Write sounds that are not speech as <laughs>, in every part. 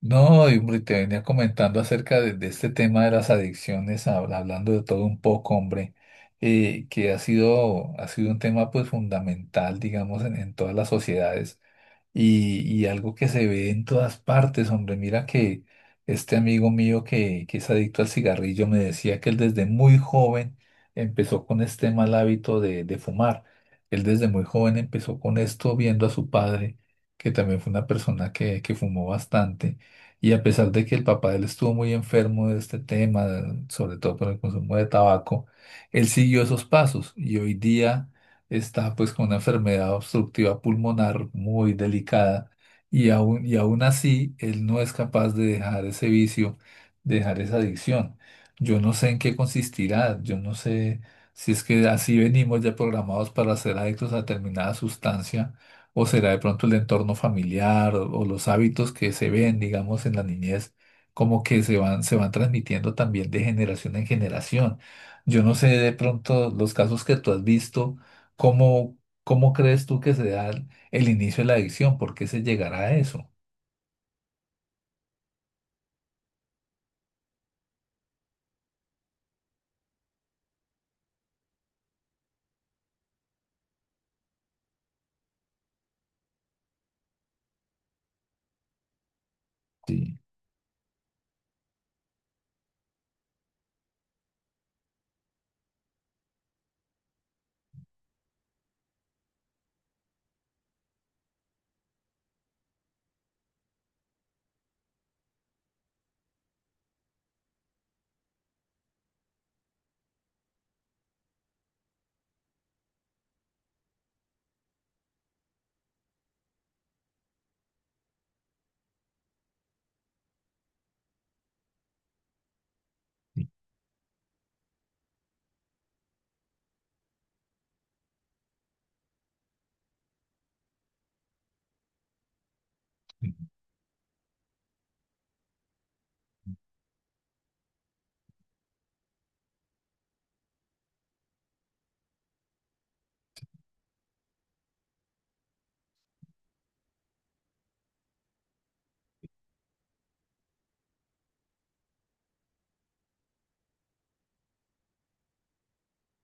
No, y hombre, te venía comentando acerca de este tema de las adicciones, hablando de todo un poco, hombre, que ha sido un tema pues fundamental, digamos, en todas las sociedades y algo que se ve en todas partes, hombre. Mira que este amigo mío que es adicto al cigarrillo me decía que él desde muy joven empezó con este mal hábito de fumar. Él desde muy joven empezó con esto viendo a su padre, que también fue una persona que fumó bastante. Y a pesar de que el papá de él estuvo muy enfermo de este tema, sobre todo por el consumo de tabaco, él siguió esos pasos y hoy día está pues con una enfermedad obstructiva pulmonar muy delicada y aún así él no es capaz de dejar ese vicio, de dejar esa adicción. Yo no sé en qué consistirá, yo no sé si es que así venimos ya programados para ser adictos a determinada sustancia o será de pronto el entorno familiar o los hábitos que se ven, digamos, en la niñez, como que se van transmitiendo también de generación en generación. Yo no sé de pronto los casos que tú has visto. ¿Cómo, cómo crees tú que se da el inicio de la adicción? ¿Por qué se llegará a eso? Sí,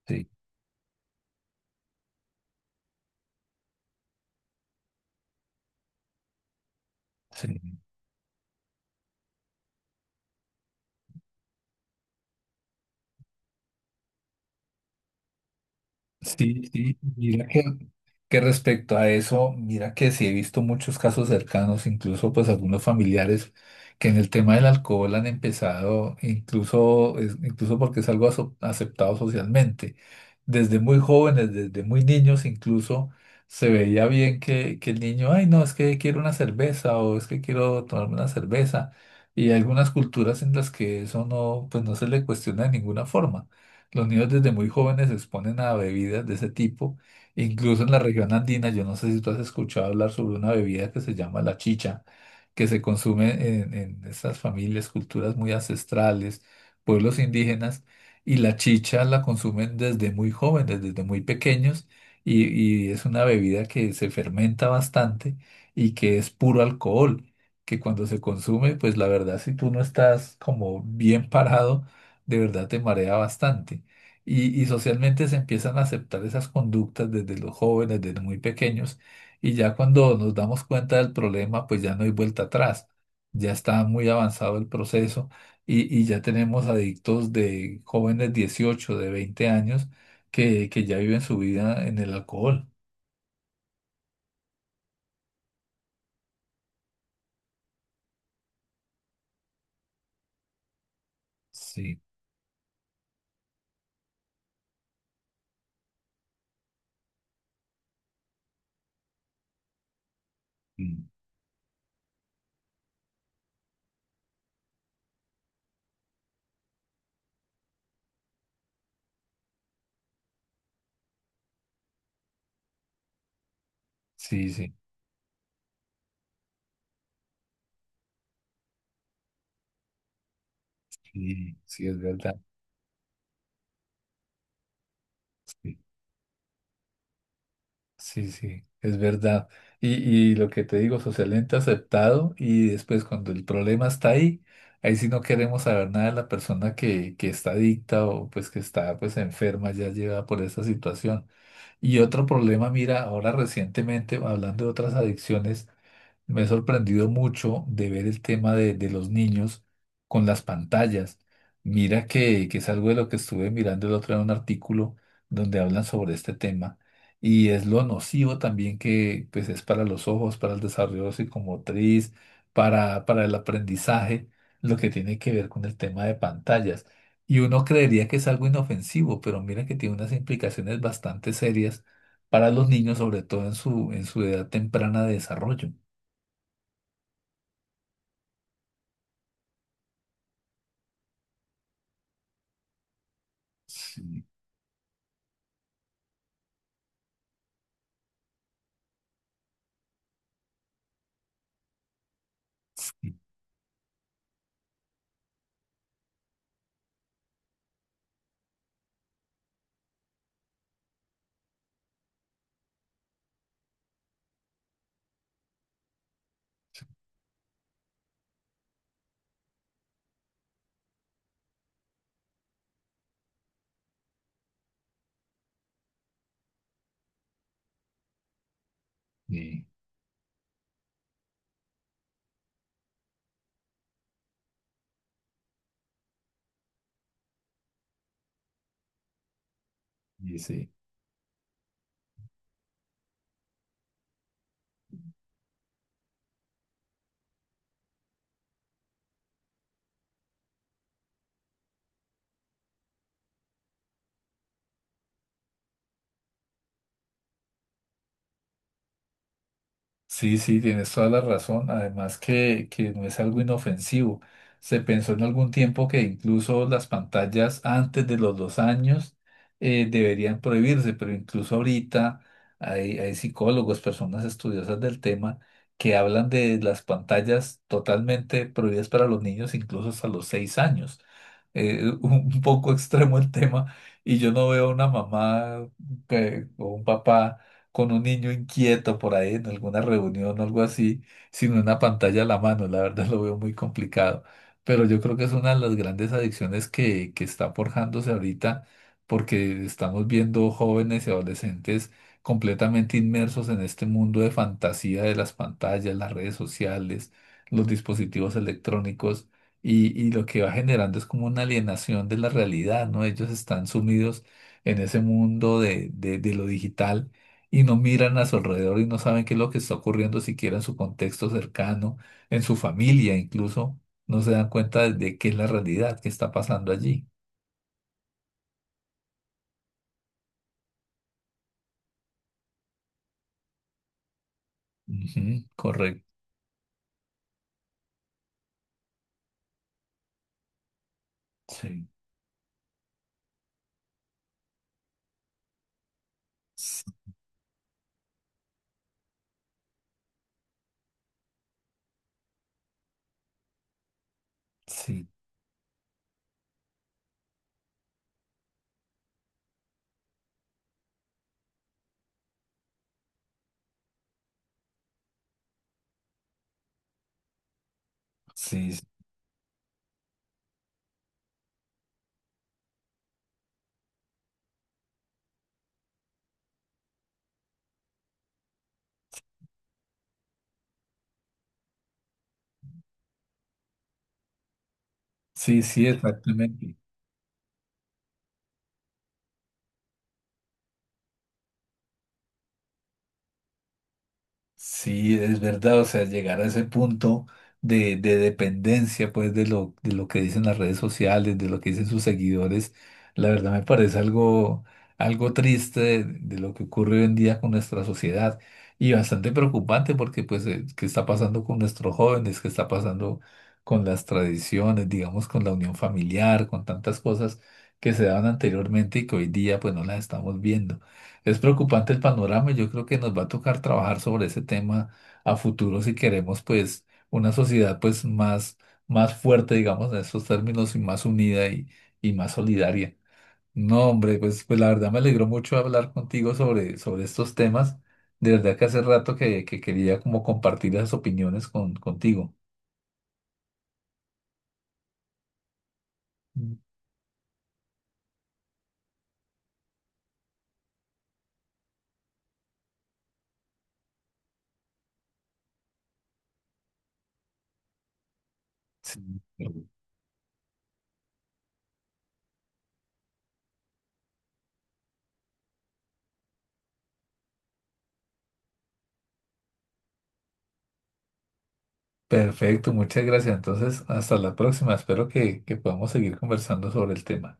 sí, sí. Sí, sí. Mira que respecto a eso, mira que sí he visto muchos casos cercanos, incluso pues algunos familiares que en el tema del alcohol han empezado, incluso, incluso porque es algo aceptado socialmente. Desde muy jóvenes, desde muy niños incluso, se veía bien que el niño, ay no, es que quiero una cerveza o es que quiero tomarme una cerveza. Y hay algunas culturas en las que eso no, pues no se le cuestiona de ninguna forma. Los niños desde muy jóvenes se exponen a bebidas de ese tipo. Incluso en la región andina, yo no sé si tú has escuchado hablar sobre una bebida que se llama la chicha, que se consume en estas familias, culturas muy ancestrales, pueblos indígenas, y la chicha la consumen desde muy jóvenes, desde muy pequeños, y es una bebida que se fermenta bastante y que es puro alcohol, que cuando se consume, pues la verdad, si tú no estás como bien parado, de verdad te marea bastante. Y socialmente se empiezan a aceptar esas conductas desde los jóvenes, desde muy pequeños, y ya cuando nos damos cuenta del problema, pues ya no hay vuelta atrás, ya está muy avanzado el proceso y ya tenemos adictos de jóvenes 18 de 20 años, que ya viven su vida en el alcohol. Sí, mm, sí, sí, sí, sí, es verdad. Sí. Sí, sí, es verdad. Y, y lo que te digo, socialmente aceptado y después cuando el problema está ahí, ahí sí no queremos saber nada de la persona que está adicta o pues que está pues enferma ya llevada por esa situación. Y otro problema, mira, ahora recientemente, hablando de otras adicciones, me he sorprendido mucho de ver el tema de los niños con las pantallas. Mira que es algo de lo que estuve mirando el otro día en un artículo donde hablan sobre este tema y es lo nocivo también que pues, es para los ojos, para el desarrollo psicomotriz, para el aprendizaje, lo que tiene que ver con el tema de pantallas. Y uno creería que es algo inofensivo, pero mira que tiene unas implicaciones bastante serias para los niños, sobre todo en su, edad temprana de desarrollo. Sí, sí, y sí, sí, sí, tienes toda la razón. Además que no es algo inofensivo. Se pensó en algún tiempo que incluso las pantallas antes de los 2 años deberían prohibirse, pero incluso ahorita hay psicólogos, personas estudiosas del tema, que hablan de las pantallas totalmente prohibidas para los niños, incluso hasta los 6 años. <laughs> Un poco extremo el tema, y yo no veo una mamá o un papá con un niño inquieto por ahí en alguna reunión o algo así, sin una pantalla a la mano, la verdad lo veo muy complicado. Pero yo creo que es una de las grandes adicciones que está forjándose ahorita, porque estamos viendo jóvenes y adolescentes completamente inmersos en este mundo de fantasía de las pantallas, las redes sociales, los dispositivos electrónicos. Y lo que va generando es como una alienación de la realidad, ¿no? Ellos están sumidos en ese mundo de lo digital y no miran a su alrededor y no saben qué es lo que está ocurriendo siquiera en su contexto cercano, en su familia incluso, no se dan cuenta de qué es la realidad, qué está pasando allí. Ujú, correcto. Sí, sí, sí, sí, sí, exactamente. Sí, es verdad, o sea, llegar a ese punto de dependencia, pues, de lo que dicen las redes sociales, de lo que dicen sus seguidores, la verdad me parece algo, triste de lo que ocurre hoy en día con nuestra sociedad y bastante preocupante porque, pues, qué está pasando con nuestros jóvenes, qué está pasando con las tradiciones, digamos, con la unión familiar, con tantas cosas que se daban anteriormente y que hoy día, pues, no las estamos viendo. Es preocupante el panorama y yo creo que nos va a tocar trabajar sobre ese tema a futuro si queremos pues una sociedad pues más, más fuerte, digamos, en estos términos y más unida y más solidaria. No, hombre, pues, pues la verdad me alegró mucho hablar contigo sobre estos temas. De verdad que hace rato que quería como compartir las opiniones contigo. Mm. Sí. Perfecto, muchas gracias. Entonces, hasta la próxima. Espero que podamos seguir conversando sobre el tema.